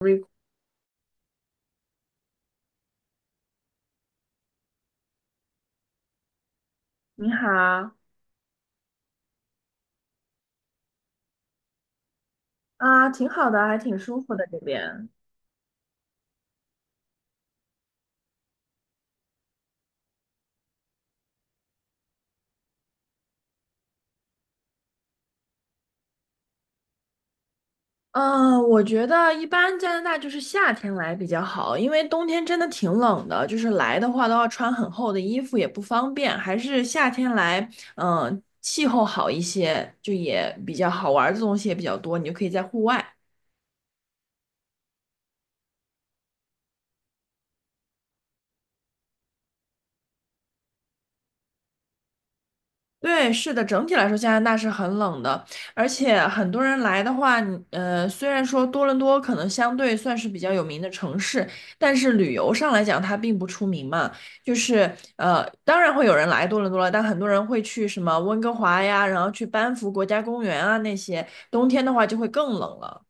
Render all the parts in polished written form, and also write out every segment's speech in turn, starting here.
r 你好啊，挺好的，还挺舒服的这边。嗯，我觉得一般加拿大就是夏天来比较好，因为冬天真的挺冷的，就是来的话都要穿很厚的衣服，也不方便，还是夏天来，嗯，气候好一些，就也比较好玩儿的东西也比较多，你就可以在户外。对，是的，整体来说加拿大是很冷的，而且很多人来的话，虽然说多伦多可能相对算是比较有名的城市，但是旅游上来讲它并不出名嘛。当然会有人来多伦多了，但很多人会去什么温哥华呀，然后去班夫国家公园啊那些，冬天的话就会更冷了。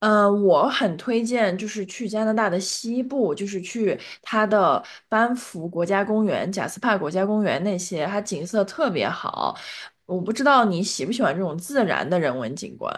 嗯，我很推荐，就是去加拿大的西部，就是去它的班夫国家公园、贾斯帕国家公园那些，它景色特别好。我不知道你喜不喜欢这种自然的人文景观。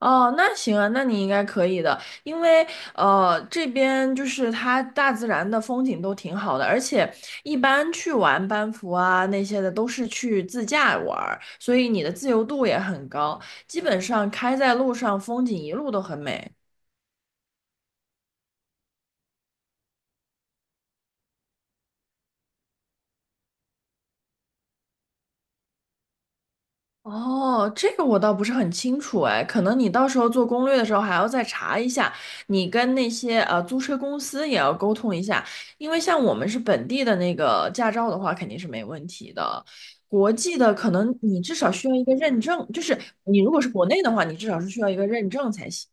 哦，那行啊，那你应该可以的，因为这边就是它大自然的风景都挺好的，而且一般去玩班夫啊那些的都是去自驾玩儿，所以你的自由度也很高，基本上开在路上，风景一路都很美。哦，这个我倒不是很清楚哎，可能你到时候做攻略的时候还要再查一下，你跟那些租车公司也要沟通一下，因为像我们是本地的那个驾照的话，肯定是没问题的。国际的可能你至少需要一个认证，就是你如果是国内的话，你至少是需要一个认证才行。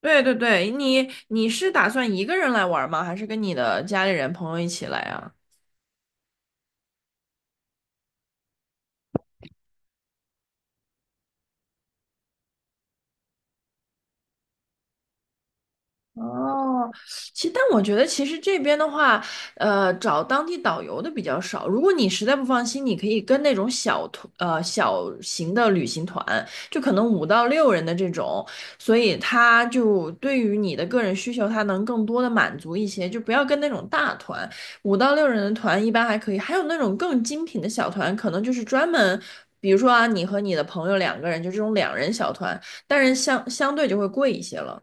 对对对，你是打算一个人来玩吗？还是跟你的家里人朋友一起来啊？哦，但我觉得其实这边的话，找当地导游的比较少。如果你实在不放心，你可以跟那种小团，小型的旅行团，就可能五到六人的这种，所以他就对于你的个人需求，他能更多的满足一些，就不要跟那种大团，五到六人的团一般还可以，还有那种更精品的小团，可能就是专门。比如说啊，你和你的朋友两个人，就这种两人小团，但是相对就会贵一些了。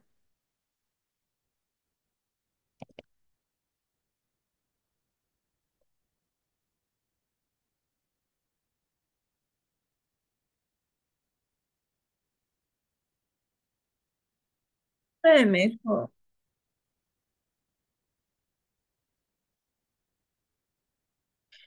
对，没错。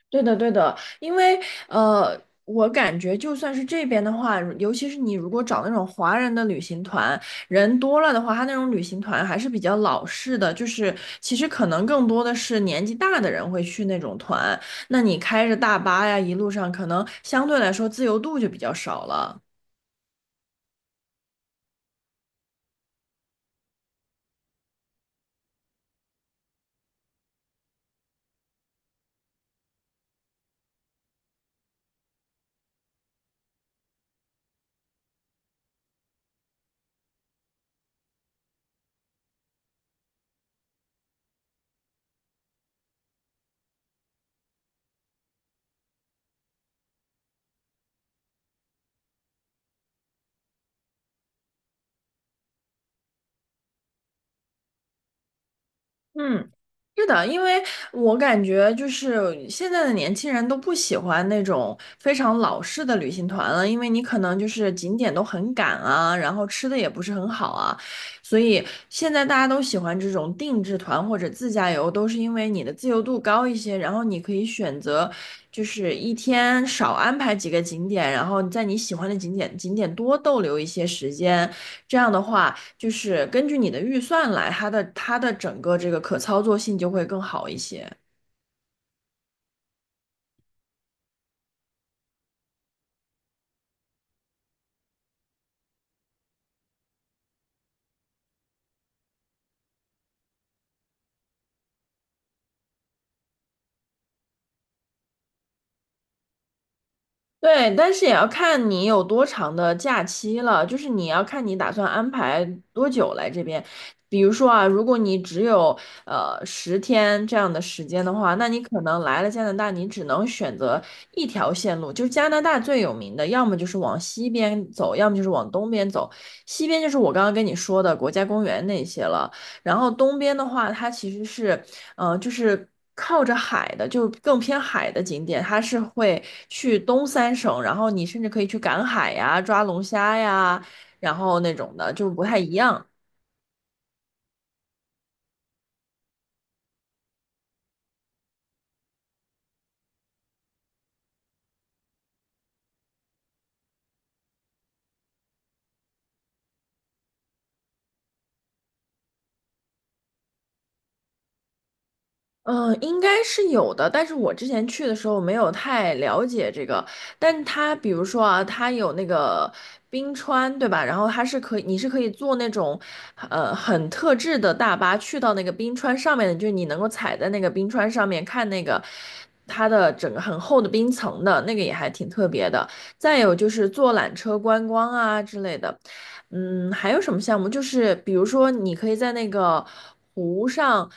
对的，对的，因为呃，我感觉就算是这边的话，尤其是你如果找那种华人的旅行团，人多了的话，他那种旅行团还是比较老式的，就是其实可能更多的是年纪大的人会去那种团，那你开着大巴呀，一路上可能相对来说自由度就比较少了。嗯，是的，因为我感觉就是现在的年轻人都不喜欢那种非常老式的旅行团了，因为你可能就是景点都很赶啊，然后吃的也不是很好啊，所以现在大家都喜欢这种定制团或者自驾游，都是因为你的自由度高一些，然后你可以选择就是一天少安排几个景点，然后在你喜欢的景点多逗留一些时间，这样的话。就是根据你的预算来，它的整个这个可操作性就会更好一些。对，但是也要看你有多长的假期了，就是你要看你打算安排多久来这边。比如说啊，如果你只有十天这样的时间的话，那你可能来了加拿大，你只能选择一条线路，就是加拿大最有名的，要么就是往西边走，要么就是往东边走。西边就是我刚刚跟你说的国家公园那些了，然后东边的话，它其实是靠着海的，就更偏海的景点，它是会去东三省，然后你甚至可以去赶海呀、抓龙虾呀，然后那种的，就不太一样。嗯，应该是有的，但是我之前去的时候没有太了解这个。但它比如说啊，它有那个冰川，对吧？然后它是可以，你是可以坐那种很特制的大巴去到那个冰川上面的，就是你能够踩在那个冰川上面看那个它的整个很厚的冰层的，那个也还挺特别的。再有就是坐缆车观光啊之类的。嗯，还有什么项目？就是比如说，你可以在那个湖上，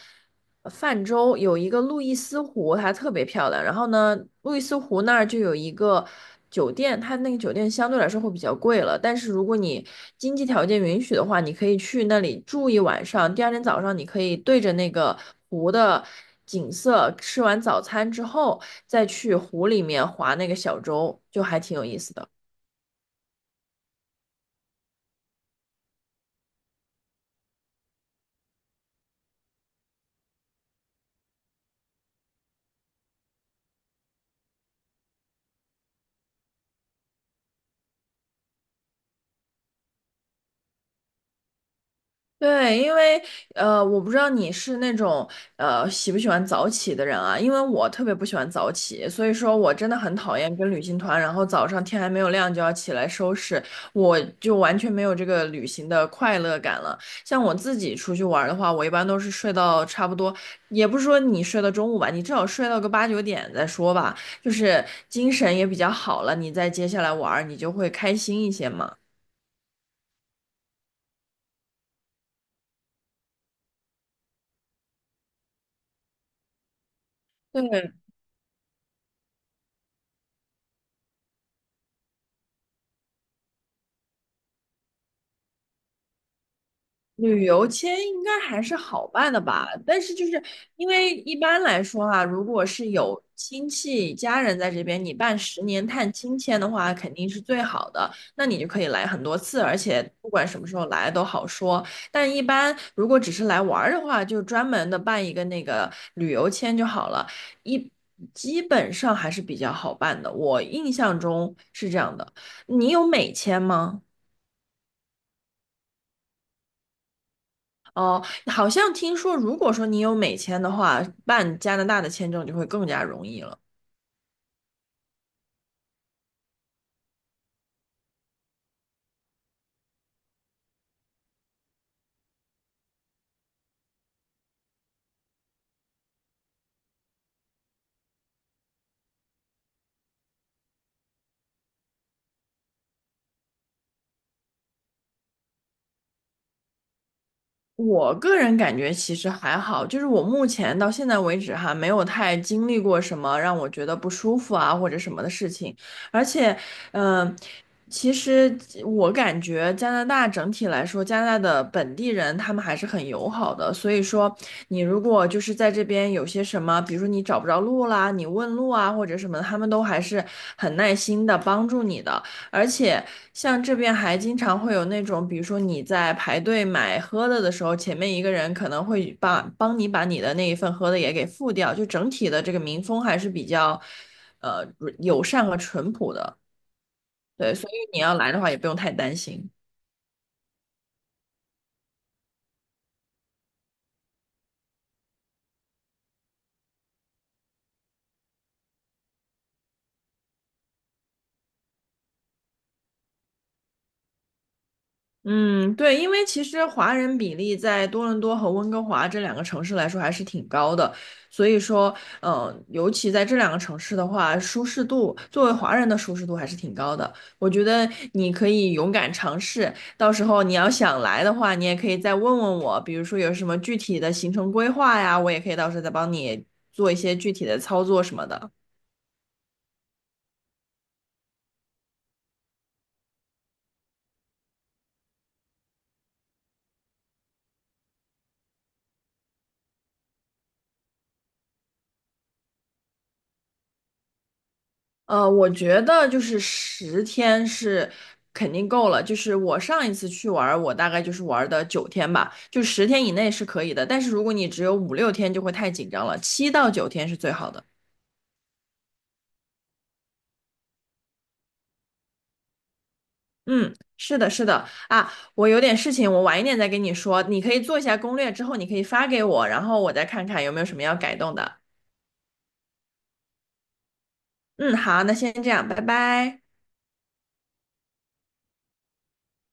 呃泛舟有一个路易斯湖，它特别漂亮。然后呢，路易斯湖那儿就有一个酒店，它那个酒店相对来说会比较贵了。但是如果你经济条件允许的话，你可以去那里住一晚上，第二天早上你可以对着那个湖的景色，吃完早餐之后再去湖里面划那个小舟，就还挺有意思的。对，因为我不知道你是那种喜不喜欢早起的人啊，因为我特别不喜欢早起，所以说我真的很讨厌跟旅行团，然后早上天还没有亮就要起来收拾，我就完全没有这个旅行的快乐感了。像我自己出去玩儿的话，我一般都是睡到差不多，也不是说你睡到中午吧，你至少睡到个8、9点再说吧，就是精神也比较好了，你再接下来玩儿，你就会开心一些嘛。对。旅游签应该还是好办的吧，但是就是因为一般来说啊，如果是有亲戚家人在这边，你办10年探亲签的话，肯定是最好的，那你就可以来很多次，而且不管什么时候来都好说。但一般如果只是来玩儿的话，就专门的办一个那个旅游签就好了，一基本上还是比较好办的，我印象中是这样的。你有美签吗？哦，好像听说，如果说你有美签的话，办加拿大的签证就会更加容易了。我个人感觉其实还好，就是我目前到现在为止哈，没有太经历过什么让我觉得不舒服啊或者什么的事情，而且，嗯、其实我感觉加拿大整体来说，加拿大的本地人他们还是很友好的，所以说你如果就是在这边有些什么，比如说你找不着路啦，你问路啊或者什么的，他们都还是很耐心的帮助你的。而且像这边还经常会有那种，比如说你在排队买喝的的时候，前面一个人可能会把帮你把你的那一份喝的也给付掉，就整体的这个民风还是比较，呃，友善和淳朴的。对，所以你要来的话也不用太担心。嗯，对，因为其实华人比例在多伦多和温哥华这两个城市来说还是挺高的，所以说，嗯，尤其在这两个城市的话，舒适度作为华人的舒适度还是挺高的。我觉得你可以勇敢尝试，到时候你要想来的话，你也可以再问问我，比如说有什么具体的行程规划呀，我也可以到时候再帮你做一些具体的操作什么的。我觉得就是十天是肯定够了。就是我上一次去玩儿，我大概就是玩儿的九天吧，就十天以内是可以的。但是如果你只有5、6天，就会太紧张了，7到9天是最好的。嗯，是的，是的啊，我有点事情，我晚一点再跟你说。你可以做一下攻略，之后你可以发给我，然后我再看看有没有什么要改动的。嗯，好，那先这样，拜拜。